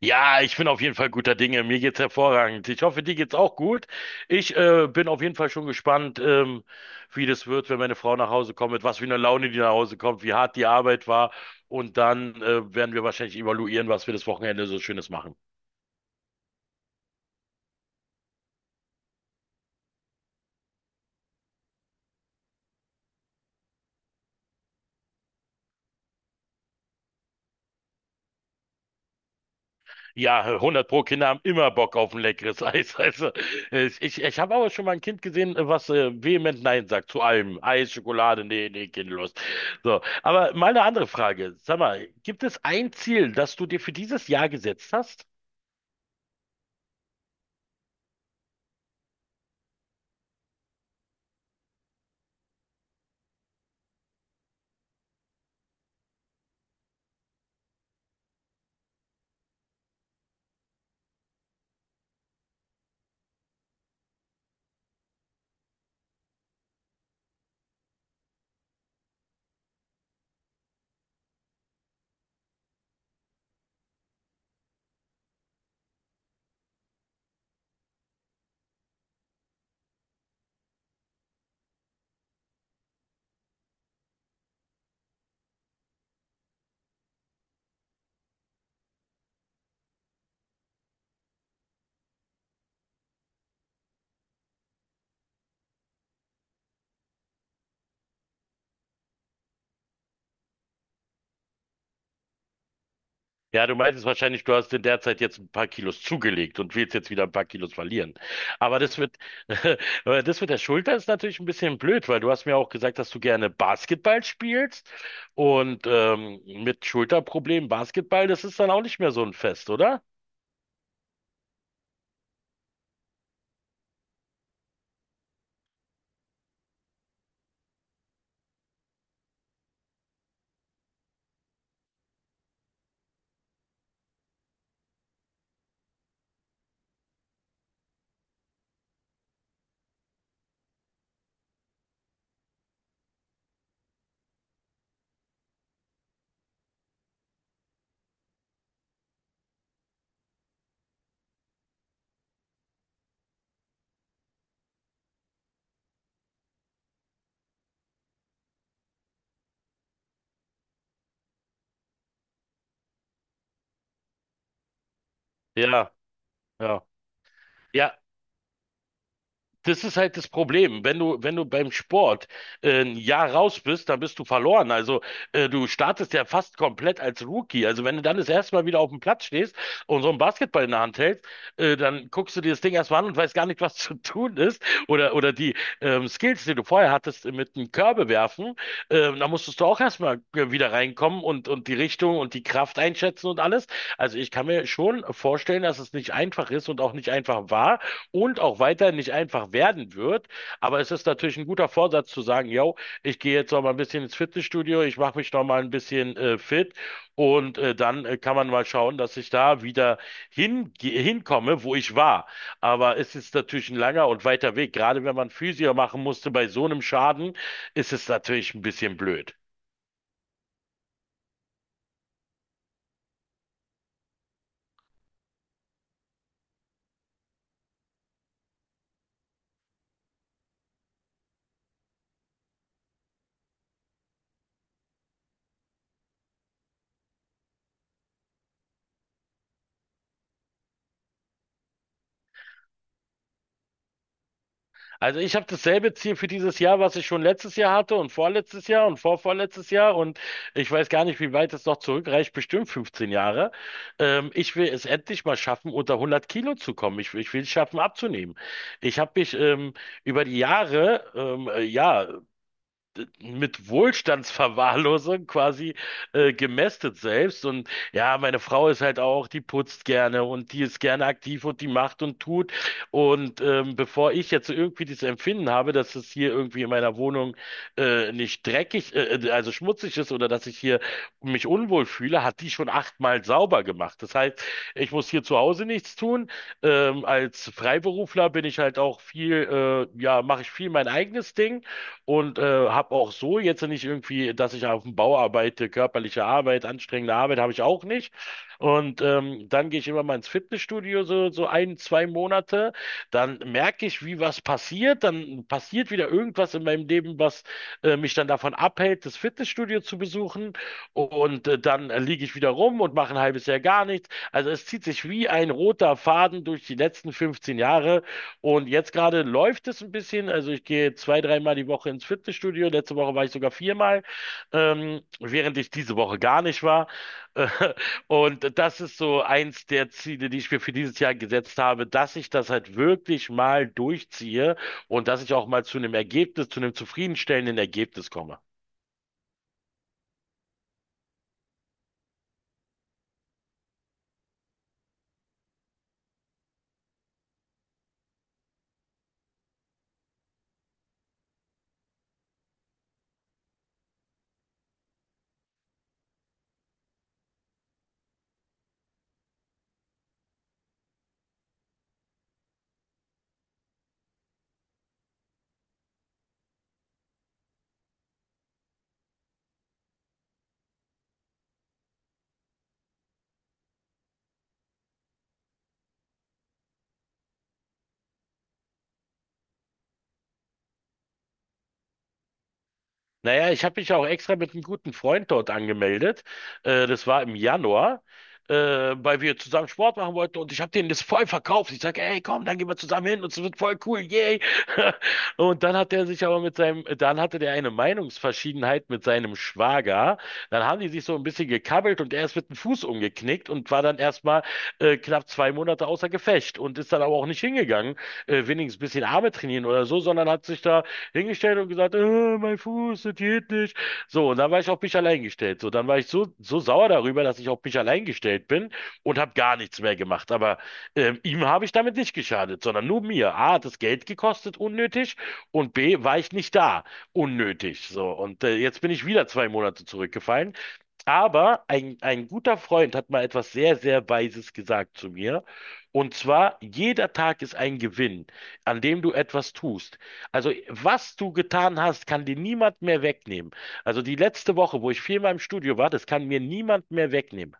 Ja, ich bin auf jeden Fall guter Dinge. Mir geht's hervorragend. Ich hoffe, dir geht's auch gut. Ich bin auf jeden Fall schon gespannt, wie das wird, wenn meine Frau nach Hause kommt, mit was für einer Laune die nach Hause kommt, wie hart die Arbeit war. Und dann werden wir wahrscheinlich evaluieren, was wir das Wochenende so Schönes machen. Ja, hundert pro, Kinder haben immer Bock auf ein leckeres Eis. Also, ich habe aber schon mal ein Kind gesehen, was vehement Nein sagt zu allem. Eis, Schokolade, nee, nee, Kind, los. So, aber mal eine andere Frage. Sag mal, gibt es ein Ziel, das du dir für dieses Jahr gesetzt hast? Ja, du meintest wahrscheinlich, du hast in der Zeit jetzt ein paar Kilos zugelegt und willst jetzt wieder ein paar Kilos verlieren. Aber das wird, aber das mit der Schulter ist natürlich ein bisschen blöd, weil du hast mir auch gesagt, dass du gerne Basketball spielst und mit Schulterproblemen Basketball, das ist dann auch nicht mehr so ein Fest, oder? Ja, ja. Ja, das ist halt das Problem. Wenn du beim Sport ein Jahr raus bist, dann bist du verloren. Also du startest ja fast komplett als Rookie. Also wenn du dann das erste Mal wieder auf dem Platz stehst und so einen Basketball in der Hand hältst, dann guckst du dir das Ding erstmal an und weißt gar nicht, was zu tun ist. Oder die Skills, die du vorher hattest, mit dem Körbe werfen, da musstest du auch erstmal wieder reinkommen und die Richtung und die Kraft einschätzen und alles. Also ich kann mir schon vorstellen, dass es nicht einfach ist und auch nicht einfach war und auch weiter nicht einfach werden wird. Aber es ist natürlich ein guter Vorsatz zu sagen, yo, ich gehe jetzt noch mal ein bisschen ins Fitnessstudio, ich mache mich noch mal ein bisschen fit und dann kann man mal schauen, dass ich da wieder hinkomme, wo ich war. Aber es ist natürlich ein langer und weiter Weg. Gerade wenn man Physio machen musste bei so einem Schaden, ist es natürlich ein bisschen blöd. Also ich habe dasselbe Ziel für dieses Jahr, was ich schon letztes Jahr hatte und vorletztes Jahr und vorvorletztes Jahr und ich weiß gar nicht, wie weit es noch zurückreicht, bestimmt 15 Jahre. Ich will es endlich mal schaffen, unter 100 Kilo zu kommen. Ich will es schaffen, abzunehmen. Ich habe mich über die Jahre, ja, mit Wohlstandsverwahrlosung quasi gemästet selbst. Und ja, meine Frau ist halt auch, die putzt gerne und die ist gerne aktiv und die macht und tut. Und bevor ich jetzt irgendwie dieses Empfinden habe, dass es hier irgendwie in meiner Wohnung nicht dreckig, also schmutzig ist oder dass ich hier mich unwohl fühle, hat die schon achtmal sauber gemacht. Das heißt, ich muss hier zu Hause nichts tun. Als Freiberufler bin ich halt auch viel, ja, mache ich viel mein eigenes Ding und habe auch so jetzt nicht irgendwie, dass ich auf dem Bau arbeite, körperliche Arbeit, anstrengende Arbeit habe ich auch nicht. Und dann gehe ich immer mal ins Fitnessstudio, so ein, zwei Monate. Dann merke ich, wie was passiert. Dann passiert wieder irgendwas in meinem Leben, was mich dann davon abhält, das Fitnessstudio zu besuchen. Und dann liege ich wieder rum und mache ein halbes Jahr gar nichts. Also es zieht sich wie ein roter Faden durch die letzten 15 Jahre. Und jetzt gerade läuft es ein bisschen. Also ich gehe zwei, dreimal die Woche ins Fitnessstudio. Letzte Woche war ich sogar viermal, während ich diese Woche gar nicht war. Äh, Und das ist so eins der Ziele, die ich mir für dieses Jahr gesetzt habe, dass ich das halt wirklich mal durchziehe und dass ich auch mal zu einem Ergebnis, zu einem zufriedenstellenden Ergebnis komme. Naja, ich habe mich auch extra mit einem guten Freund dort angemeldet. Das war im Januar, weil wir zusammen Sport machen wollten und ich habe denen das voll verkauft. Ich sage, ey, komm, dann gehen wir zusammen hin und es wird voll cool, yay. Und dann hat er sich aber mit seinem, dann hatte der eine Meinungsverschiedenheit mit seinem Schwager. Dann haben die sich so ein bisschen gekabbelt und er ist mit dem Fuß umgeknickt und war dann erstmal knapp 2 Monate außer Gefecht und ist dann aber auch nicht hingegangen, wenigstens ein bisschen Arme trainieren oder so, sondern hat sich da hingestellt und gesagt, mein Fuß, das geht nicht. So, und dann war ich auf mich allein gestellt. So, dann war ich so sauer darüber, dass ich auf mich allein gestellt bin und habe gar nichts mehr gemacht. Aber ihm habe ich damit nicht geschadet, sondern nur mir. A, hat das Geld gekostet, unnötig. Und B, war ich nicht da, unnötig. So, und jetzt bin ich wieder 2 Monate zurückgefallen. Aber ein guter Freund hat mal etwas sehr, sehr Weises gesagt zu mir. Und zwar, jeder Tag ist ein Gewinn, an dem du etwas tust. Also, was du getan hast, kann dir niemand mehr wegnehmen. Also, die letzte Woche, wo ich viermal im Studio war, das kann mir niemand mehr wegnehmen.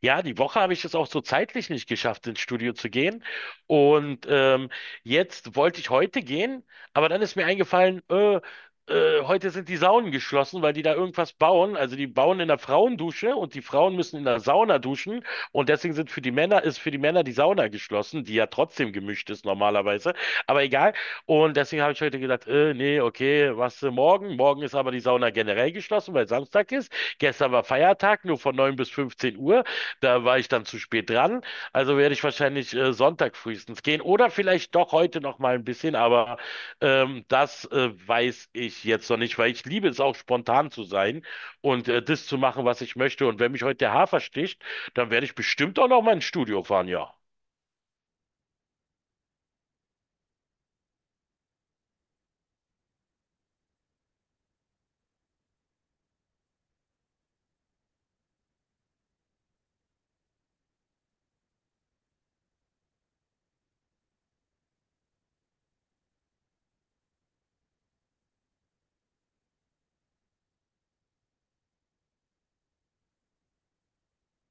Ja, die Woche habe ich es auch so zeitlich nicht geschafft, ins Studio zu gehen. Und jetzt wollte ich heute gehen, aber dann ist mir eingefallen, heute sind die Saunen geschlossen, weil die da irgendwas bauen. Also die bauen in der Frauendusche und die Frauen müssen in der Sauna duschen. Und deswegen sind für die Männer, ist für die Männer die Sauna geschlossen, die ja trotzdem gemischt ist normalerweise. Aber egal. Und deswegen habe ich heute gedacht, nee, okay, was morgen? Morgen ist aber die Sauna generell geschlossen, weil Samstag ist. Gestern war Feiertag, nur von 9 bis 15 Uhr. Da war ich dann zu spät dran. Also werde ich wahrscheinlich Sonntag frühestens gehen oder vielleicht doch heute noch mal ein bisschen, aber das weiß ich jetzt noch nicht, weil ich liebe es auch spontan zu sein und das zu machen, was ich möchte. Und wenn mich heute der Hafer sticht, dann werde ich bestimmt auch noch mal ins Studio fahren, ja.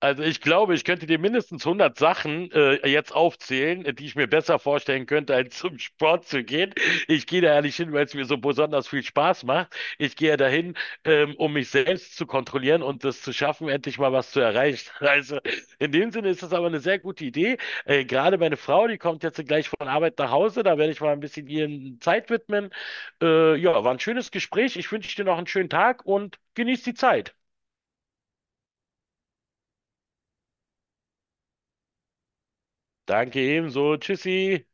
Also ich glaube, ich könnte dir mindestens 100 Sachen jetzt aufzählen, die ich mir besser vorstellen könnte, als zum Sport zu gehen. Ich gehe da ja nicht hin, weil es mir so besonders viel Spaß macht. Ich gehe ja dahin, um mich selbst zu kontrollieren und das zu schaffen, endlich mal was zu erreichen. Also in dem Sinne ist das aber eine sehr gute Idee. Gerade meine Frau, die kommt jetzt gleich von Arbeit nach Hause, da werde ich mal ein bisschen ihren Zeit widmen. Ja, war ein schönes Gespräch. Ich wünsche dir noch einen schönen Tag und genieß die Zeit. Danke ebenso. Tschüssi.